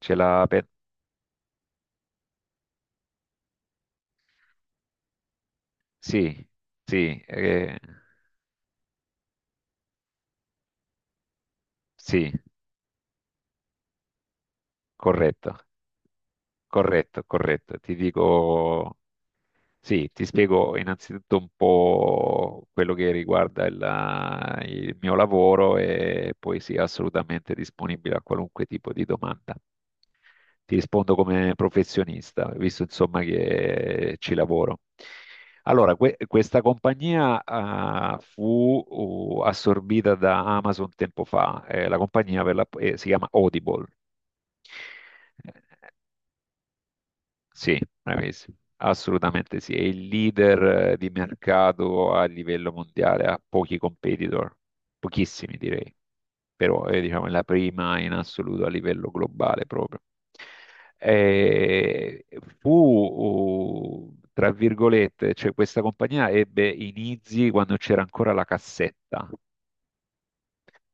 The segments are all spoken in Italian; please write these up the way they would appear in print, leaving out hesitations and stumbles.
Ce l'ha per... Sì, sì, sì, corretto, corretto. Ti dico, sì, ti spiego innanzitutto un po' quello che riguarda il mio lavoro e poi sì, assolutamente disponibile a qualunque tipo di domanda. Ti rispondo come professionista, visto insomma che ci lavoro. Allora, questa compagnia fu assorbita da Amazon tempo fa. La compagnia si chiama Audible. Sì, bravissimo, assolutamente sì. È il leader di mercato a livello mondiale, ha pochi competitor, pochissimi direi, però è, diciamo, la prima in assoluto a livello globale proprio. Eh, Fu, tra virgolette, cioè questa compagnia ebbe inizi quando c'era ancora la cassetta.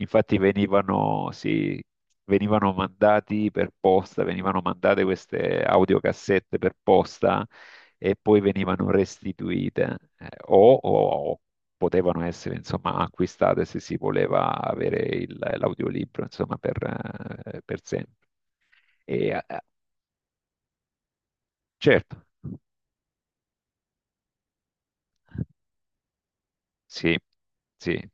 Infatti venivano, sì, venivano mandati per posta, venivano mandate queste audiocassette per posta e poi venivano restituite o potevano essere insomma acquistate se si voleva avere l'audiolibro insomma per sempre. E, eh, certo, sì, sì.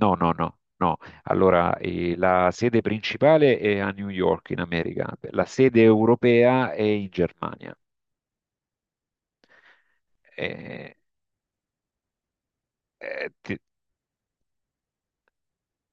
No, no, no, no. Allora, la sede principale è a New York, in America, la sede europea è in Germania. Eh, eh, ti-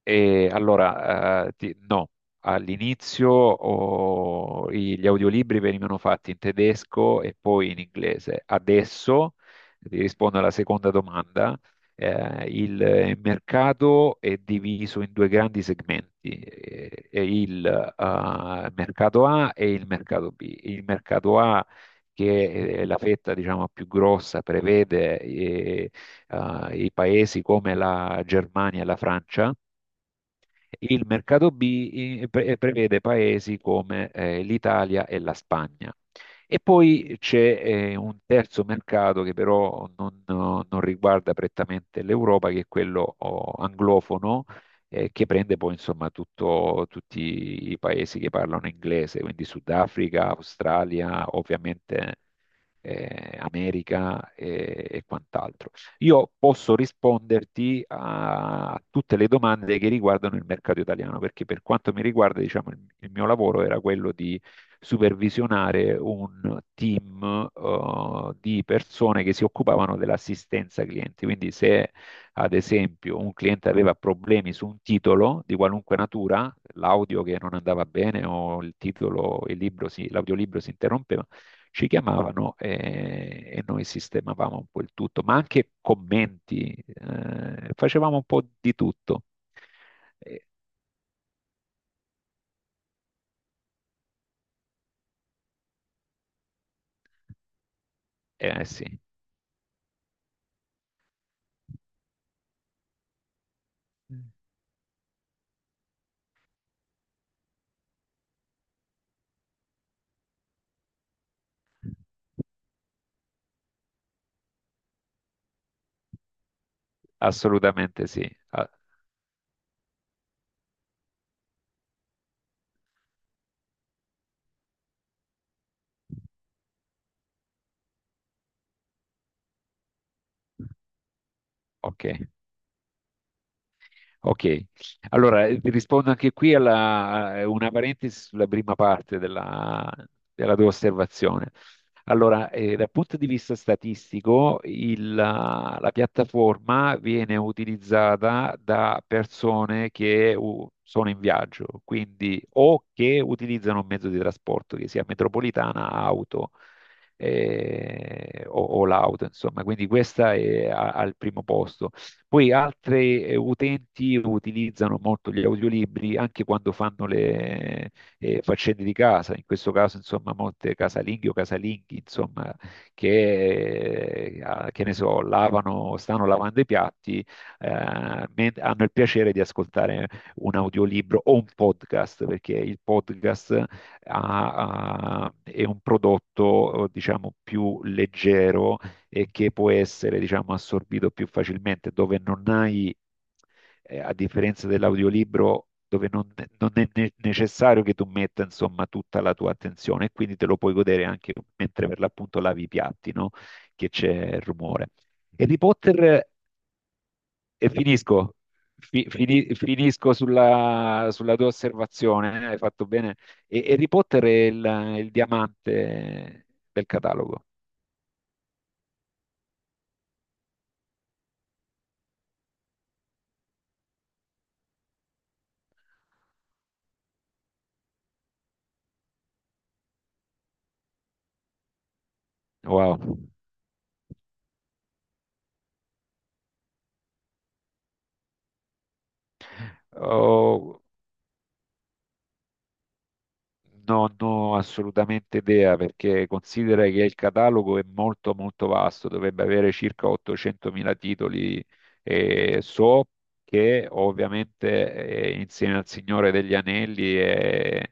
No, all'inizio gli audiolibri venivano fatti in tedesco e poi in inglese. Adesso, ti rispondo alla seconda domanda. Il mercato è diviso in due grandi segmenti, e il mercato A e il mercato B. Il mercato A, che è la fetta, diciamo, più grossa, prevede i paesi come la Germania e la Francia, il mercato B prevede paesi come l'Italia e la Spagna. E poi c'è un terzo mercato che però non riguarda prettamente l'Europa, che è quello anglofono, che prende poi insomma tutti i paesi che parlano inglese, quindi Sudafrica, Australia, ovviamente America e quant'altro. Io posso risponderti a tutte le domande che riguardano il mercato italiano, perché per quanto mi riguarda, diciamo, il mio lavoro era quello di supervisionare un team, di persone che si occupavano dell'assistenza clienti. Quindi se ad esempio un cliente aveva problemi su un titolo di qualunque natura, l'audio che non andava bene o il titolo, il libro l'audiolibro si interrompeva, ci chiamavano e noi sistemavamo un po' il tutto, ma anche commenti, facevamo un po' di tutto. Eh, sì, assolutamente sì. Ah, ok. Ok, allora vi rispondo anche qui a una parentesi sulla prima parte della tua osservazione. Allora, dal punto di vista statistico, la piattaforma viene utilizzata da persone che sono in viaggio, quindi o che utilizzano un mezzo di trasporto, che sia metropolitana, auto o l'auto, insomma. Quindi questa è al primo posto. Poi altri utenti utilizzano molto gli audiolibri anche quando fanno faccende di casa, in questo caso insomma molte casalinghe o casalinghi insomma che, che ne so, lavano, stanno lavando i piatti, hanno il piacere di ascoltare un audiolibro o un podcast, perché il podcast ha- è un prodotto diciamo più leggero e che può essere diciamo assorbito più facilmente, dove non hai a differenza dell'audiolibro dove non è necessario che tu metta insomma tutta la tua attenzione e quindi te lo puoi godere anche mentre per l'appunto lavi i piatti, no? Che c'è il rumore. Harry Potter, e finisco, finisco sulla tua osservazione, hai fatto bene. E Harry Potter è il diamante del catalogo. Wow. Oh, Non ho assolutamente idea perché considera che il catalogo è molto molto vasto, dovrebbe avere circa 800.000 titoli e so che ovviamente insieme al Signore degli Anelli e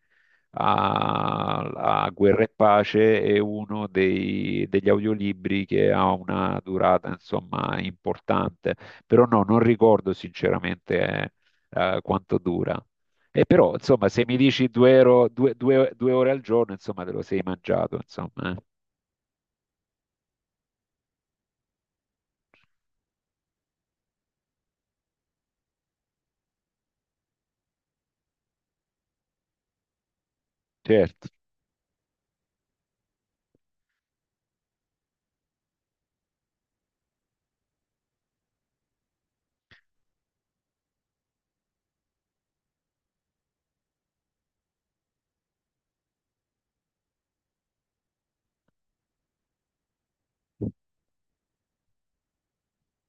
a, a Guerra e Pace è uno degli audiolibri che ha una durata insomma importante, però no, non ricordo sinceramente quanto dura. E però, insomma, se mi dici due, euro, due, due- due ore al giorno, insomma, te lo sei mangiato, insomma, Certo,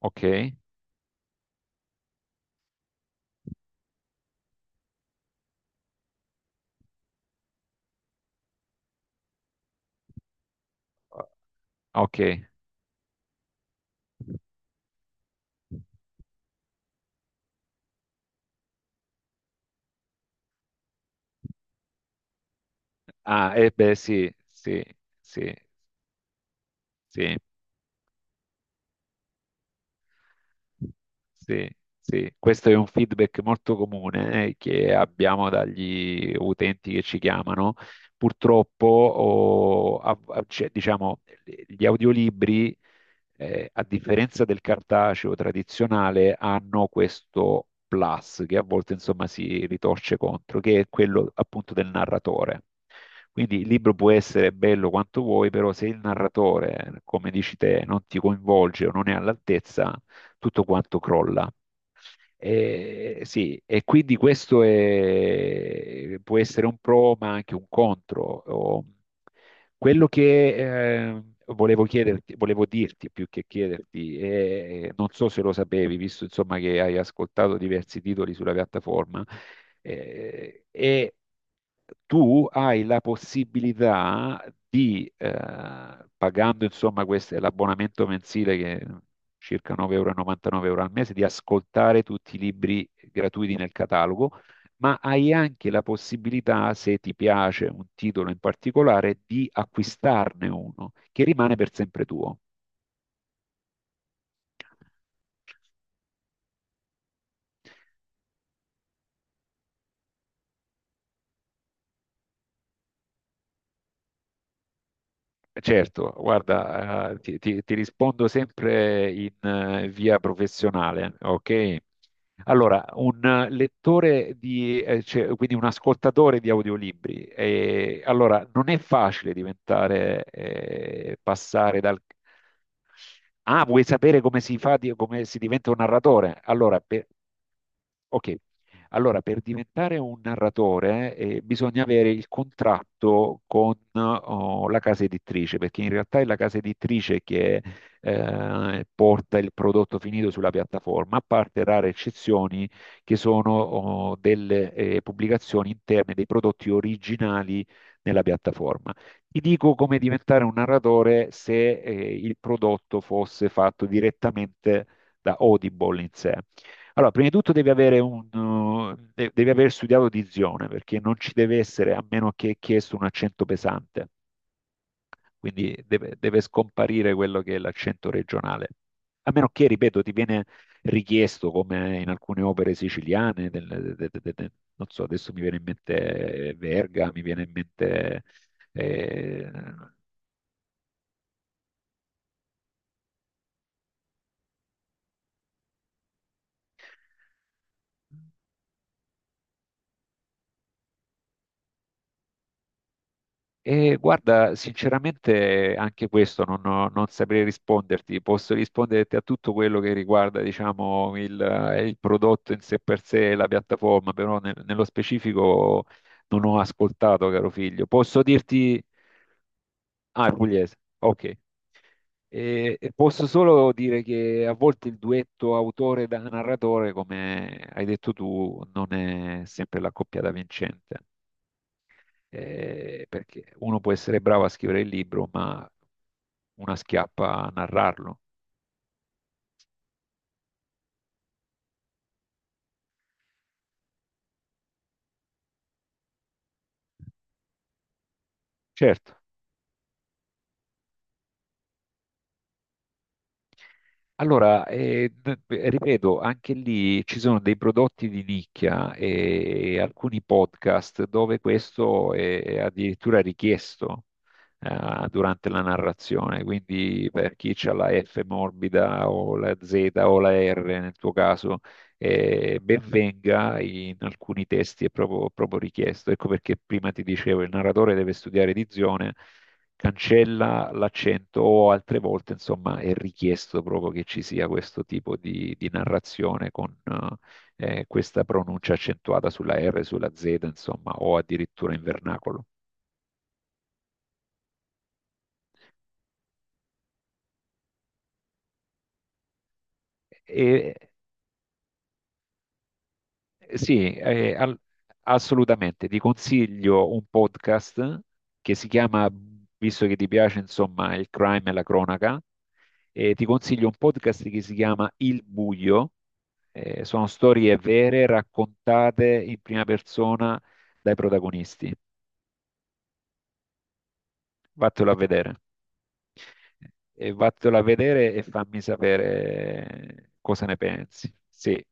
ok, ok. Ah, e beh, sì, sì, sì, sì. Sì, sì, questo è un feedback molto comune che abbiamo dagli utenti che ci chiamano. Purtroppo, cioè, diciamo, gli audiolibri, a differenza del cartaceo tradizionale, hanno questo plus che a volte, insomma, si ritorce contro, che è quello appunto del narratore. Quindi il libro può essere bello quanto vuoi, però se il narratore, come dici te, non ti coinvolge o non è all'altezza, tutto quanto crolla. E, sì, e quindi questo può essere un pro, ma anche un contro. Quello che volevo chiederti, volevo dirti più che chiederti, e non so se lo sapevi, visto insomma che hai ascoltato diversi titoli sulla piattaforma, eh, e tu hai la possibilità di, pagando insomma questo, l'abbonamento mensile che è circa 9,99 euro al mese, di ascoltare tutti i libri gratuiti nel catalogo, ma hai anche la possibilità, se ti piace un titolo in particolare, di acquistarne uno che rimane per sempre tuo. Certo, guarda, ti rispondo sempre in via professionale, ok? Allora, un lettore di, cioè, quindi un ascoltatore di audiolibri, allora non è facile diventare, passare dal... Ah, vuoi sapere come si fa, come si diventa un narratore? Allora, per, ok, allora per diventare un narratore bisogna avere il contratto con la casa editrice, perché in realtà è la casa editrice che porta il prodotto finito sulla piattaforma, a parte rare eccezioni che sono delle pubblicazioni interne dei prodotti originali nella piattaforma. Ti dico come diventare un narratore se il prodotto fosse fatto direttamente da Audible in sé. Allora, prima di tutto devi avere, devi aver studiato dizione, perché non ci deve essere, a meno che è chiesto, un accento pesante, quindi deve scomparire quello che è l'accento regionale. A meno che, ripeto, ti viene richiesto, come in alcune opere siciliane, de- de- de- de- non so, adesso mi viene in mente Verga, mi viene in mente... eh, E guarda, sinceramente anche questo non saprei risponderti, posso risponderti a tutto quello che riguarda, diciamo, il prodotto in sé per sé, la piattaforma, però nello specifico non ho ascoltato, caro figlio. Posso dirti... Ah, è pugliese, ok. E posso solo dire che a volte il duetto autore da narratore, come hai detto tu, non è sempre la coppia da vincente perché uno può essere bravo a scrivere il libro, ma una schiappa a narrarlo. Certo, allora, ripeto, anche lì ci sono dei prodotti di nicchia e alcuni podcast dove questo è addirittura richiesto durante la narrazione, quindi per chi ha la F morbida o la Z o la R nel tuo caso, ben venga, in alcuni testi è proprio richiesto. Ecco perché prima ti dicevo, il narratore deve studiare edizione, cancella l'accento o altre volte, insomma, è richiesto proprio che ci sia questo tipo di narrazione con questa pronuncia accentuata sulla R, sulla Z, insomma, o addirittura in vernacolo. E, sì, assolutamente, ti consiglio un podcast che si chiama, visto che ti piace, insomma, il crime e la cronaca, ti consiglio un podcast che si chiama Il Buio. Sono storie vere raccontate in prima persona dai protagonisti. Vattelo a vedere. E vattelo a vedere e fammi sapere cosa ne pensi. Sì.